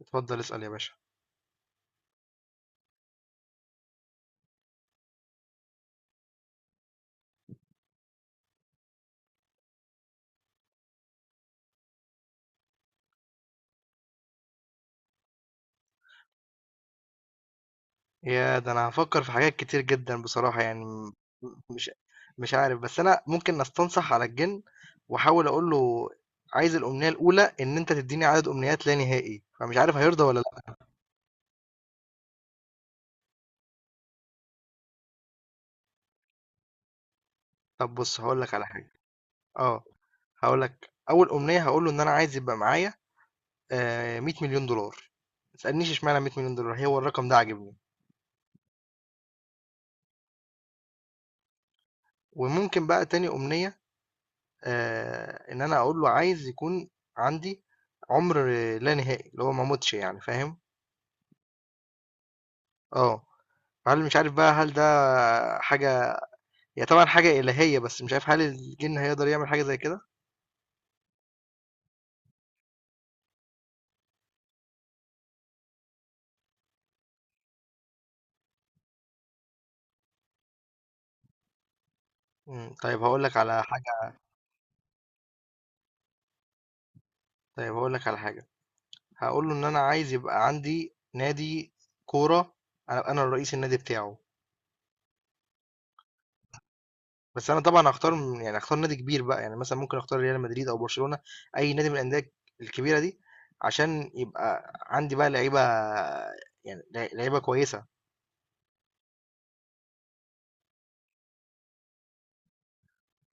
اتفضل اسأل يا باشا. يا ده، انا هفكر في حاجات كتير جدا بصراحة، يعني مش مش عارف، بس انا ممكن استنصح على الجن واحاول اقول له، عايز الامنية الاولى ان انت تديني عدد امنيات لا نهائي، فمش عارف هيرضى ولا لا. طب بص، هقول لك على حاجة. اه، هقول لك اول امنية، هقول له ان انا عايز يبقى معايا 100 مليون دولار. ما تسألنيش اشمعنى 100 مليون دولار، هو الرقم ده عاجبني. وممكن بقى تاني امنية، ان انا اقول له عايز يكون عندي عمر لا نهائي، اللي هو ما اموتش يعني، فاهم. اه، هل مش عارف بقى، هل ده حاجة، هي طبعا حاجة إلهية، بس مش عارف هل الجن هيقدر يعمل حاجة زي كده. مم، طيب هقول لك على حاجة طيب هقول لك على حاجة، هقول له ان انا عايز يبقى عندي نادي كورة، انا الرئيس النادي بتاعه. بس أنا طبعًا هاختار م يعني هاختار نادي كبير بقى، يعني مثلًا ممكن أختار ريال مدريد أو برشلونة، أي نادي من الأندية الكبيرة دي، عشان يبقى عندي بقى لعيبة، يعني لعيبة كويسة.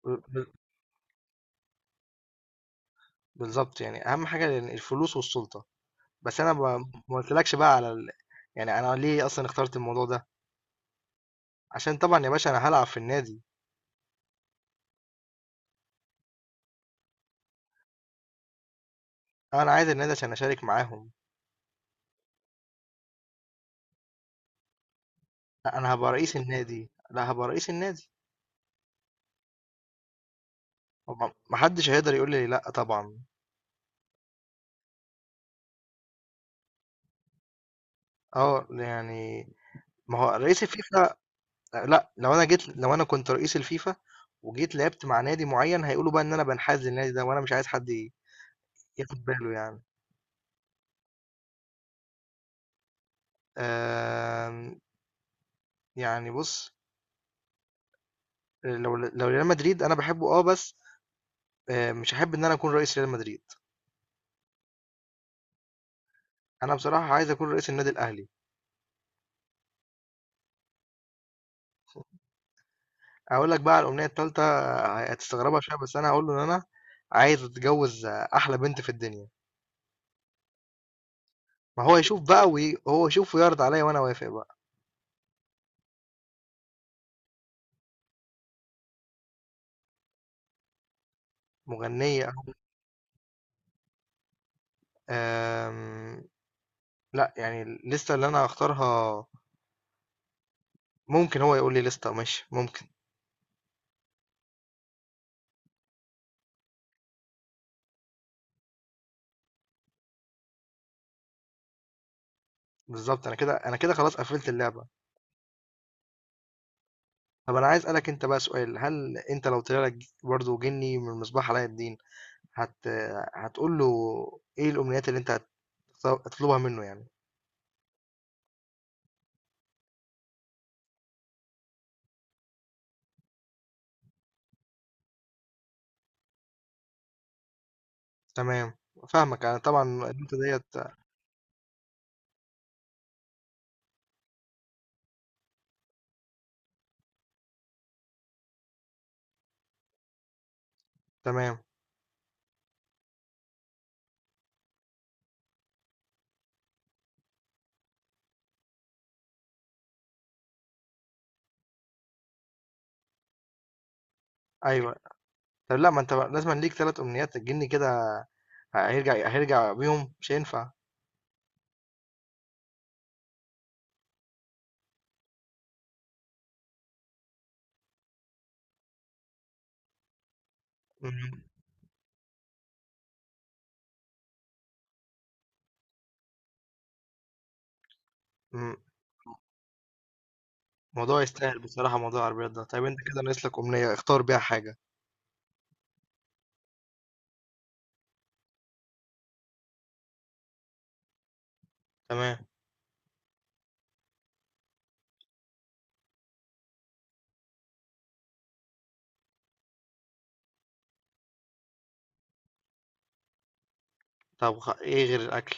ب ب بالضبط، يعني أهم حاجة الفلوس والسُلطة. بس أنا ما قُلتلكش بقى على ال يعني أنا ليه أصلًا اخترت الموضوع ده، عشان طبعًا يا باشا أنا هالعب في النادي. أنا عايز النادي عشان أشارك معاهم. لأ، أنا هابقى رئيس النادي، لأ، هابقى رئيس النادي. ما حدش هيقدر يقول لي لأ طبعًا. يعني ما هو رئيس الفيفا. لا، لو انا كنت رئيس الفيفا وجيت لعبت مع نادي معين، هيقولوا بقى ان انا بنحاز للنادي ده، وانا مش عايز حد ياخد باله يعني. آم، يعني بص، لو ريال مدريد انا بحبه اه بس، مش هحب ان انا اكون رئيس ريال مدريد. انا بصراحة عايز اكون رئيس النادي الاهلي. اقول لك بقى على الامنية التالتة، هتستغربها شوية، بس انا هقول له ان انا عايز اتجوز احلى بنت في الدنيا. ما هو يشوف بقى، وهو يشوف ويعرض عليا وانا وافق بقى. مغنية أهو. آم، لأ، يعني الليستة اللي أنا هاختارها، ممكن هو يقول لي ليستة ماشي، ممكن. بالضبط، أنا كده، أنا كده خلاص قفلت اللعبة. طب أنا عايز أسألك أنت بقى سؤال، هل أنت لو طلع لك برضه جني من مصباح علاء الدين، هت هتقول له إيه الأمنيات اللي أنت هتطلبها منه يعني؟ تمام، فاهمك أنا طبعًا النقطة ديّة. تمام. أيوه. طب لأ، ما أنت لازمًا ليك 3 أمنيات، الجني كده هيرجع بيهم، مش هينفع. إمم. إمم. الموضوع يستاهل بصراحة، موضوع العربيات ده. طيب انت كده ناقص لك أمنية اختار بيها حاجة. تمام. طب ايه غير الأكل؟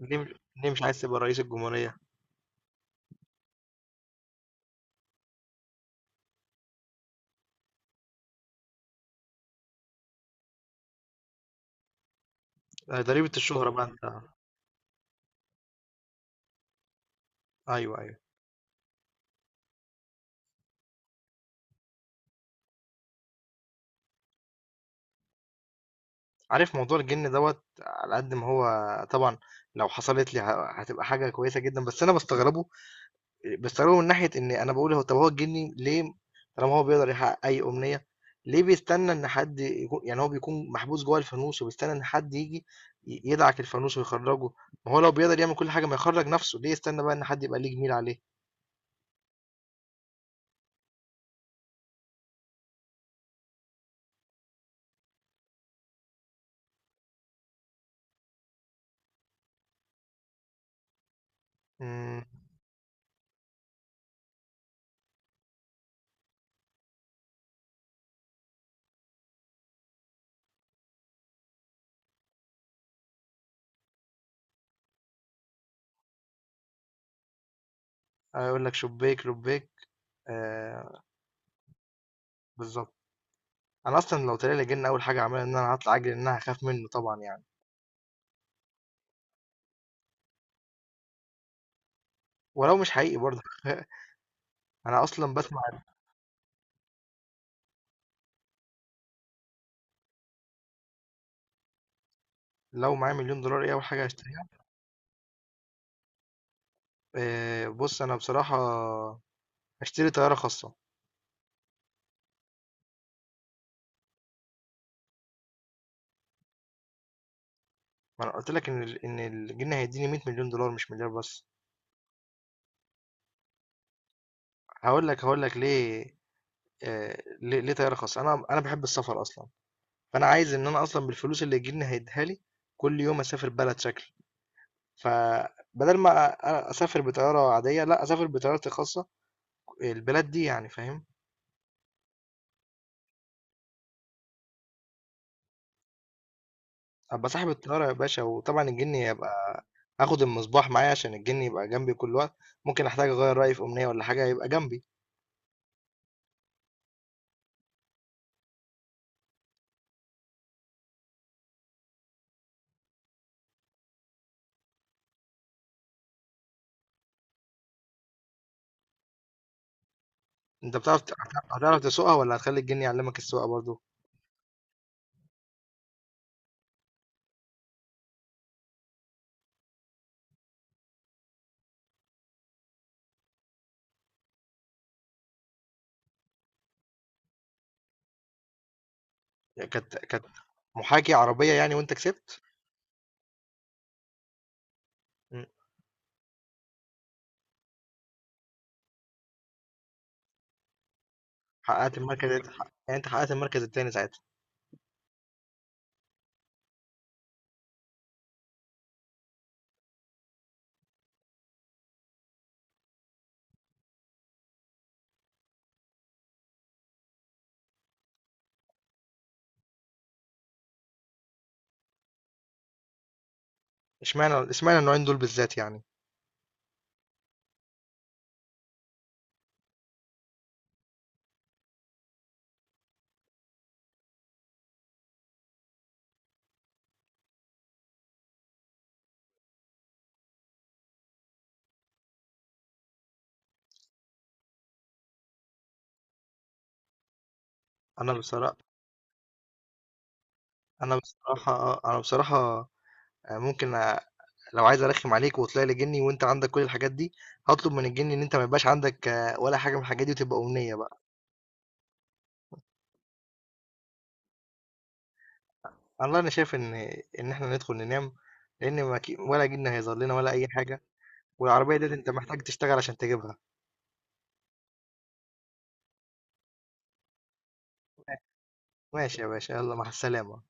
ليه مش... ليه مش عايز تبقى رئيس الجمهورية؟ ضريبة الشهرة بقى انت. ايوه، ايوه. عارف موضوع الجن دوت على قد ما هو، طبعا، لو حصلت لي هتبقى حاجة كويسة جدا، بس انا بستغربه بستخدمه من ناحية إن أنا باقول، طب هو الجني ليه، طالما هو بيقدر يحقق أي أمنية، ليه بيستنى إن حد يكون، يعني هو بيكون محبوس جوه الفانوس وبيستنى إن حد ييجي يدعك الفانوس ويخرّجه، ما هو لو بيقدر يعمل كل حاجة، ما يخرّج نفسه، ليه يستنى بقى إن حد يبقى ليه جميل عليه؟ إمم. هيقول لك شبّاك، لبّاك، آآ بالضبط. أنا أصلًا لو طلع لي جِن، أول حاجة هاعملها إن أنا هاطلع أجري، لإن أنا هاخاف منه طبعًا يعني. ولو مش حقيقي برضه أنا أصلًا باسمع. لو معايا مليون دولار، إيه أول حاجة هاشتريها؟ بُص أنا بصراحة اشتري طياره خاصه. ما انا قلت لك ان ان الجنيه هيديني 100 مليون دولار، مش مليار بس. هقول لك ليه. ليه، طياره خاصه، انا بحب السفر اصلا، فانا عايز ان انا اصلا بالفلوس اللي الجنيه هيديها لي كل يوم اسافر بلد شكل. فبدل ما اسافر بطياره عاديه، لا، اسافر بطيارتي الخاصه البلاد دي يعني، فاهم. ابقى صاحب الطياره يا باشا، وطبعا الجني يبقى اخد المصباح معايا عشان الجني يبقى جنبي كل وقت. ممكن احتاج اغير رايي في امنيه ولا حاجه، يبقى جنبي. أنت بتعرف ت هتعرف تسوقها، والّا هتخلّي الجِن يعلّمك السواقة برضه؟ يعني كانت محاكي عربية يعني، وأنت كسبت؟ إمم. حقّقت المركز، أنت حق يعني أنت حقّقت المركز التاني ساعتها. اشمعنى النوعين دول بالذات يعني؟ أنا بصرا أنا بصراحة، ممكن أ لو عايز أرخّم عليك وطلع لي جِني، وأنت عندك كل الحاجات دي، هاطلب من الجِن إن أنت ما يبقاش عندك ولا حاجة من الحاجات دي، وتبقى أمنية بقى. والله أنا شايف إن إحنا ندخل ننام، لإن ما ك ولا جِن هيظهر لنا، ولا أي حاجة. والعربية ديّة أنت محتاج تشتغل عشان تجيبها. ماشي يا باشا، يلا، مع السلامة.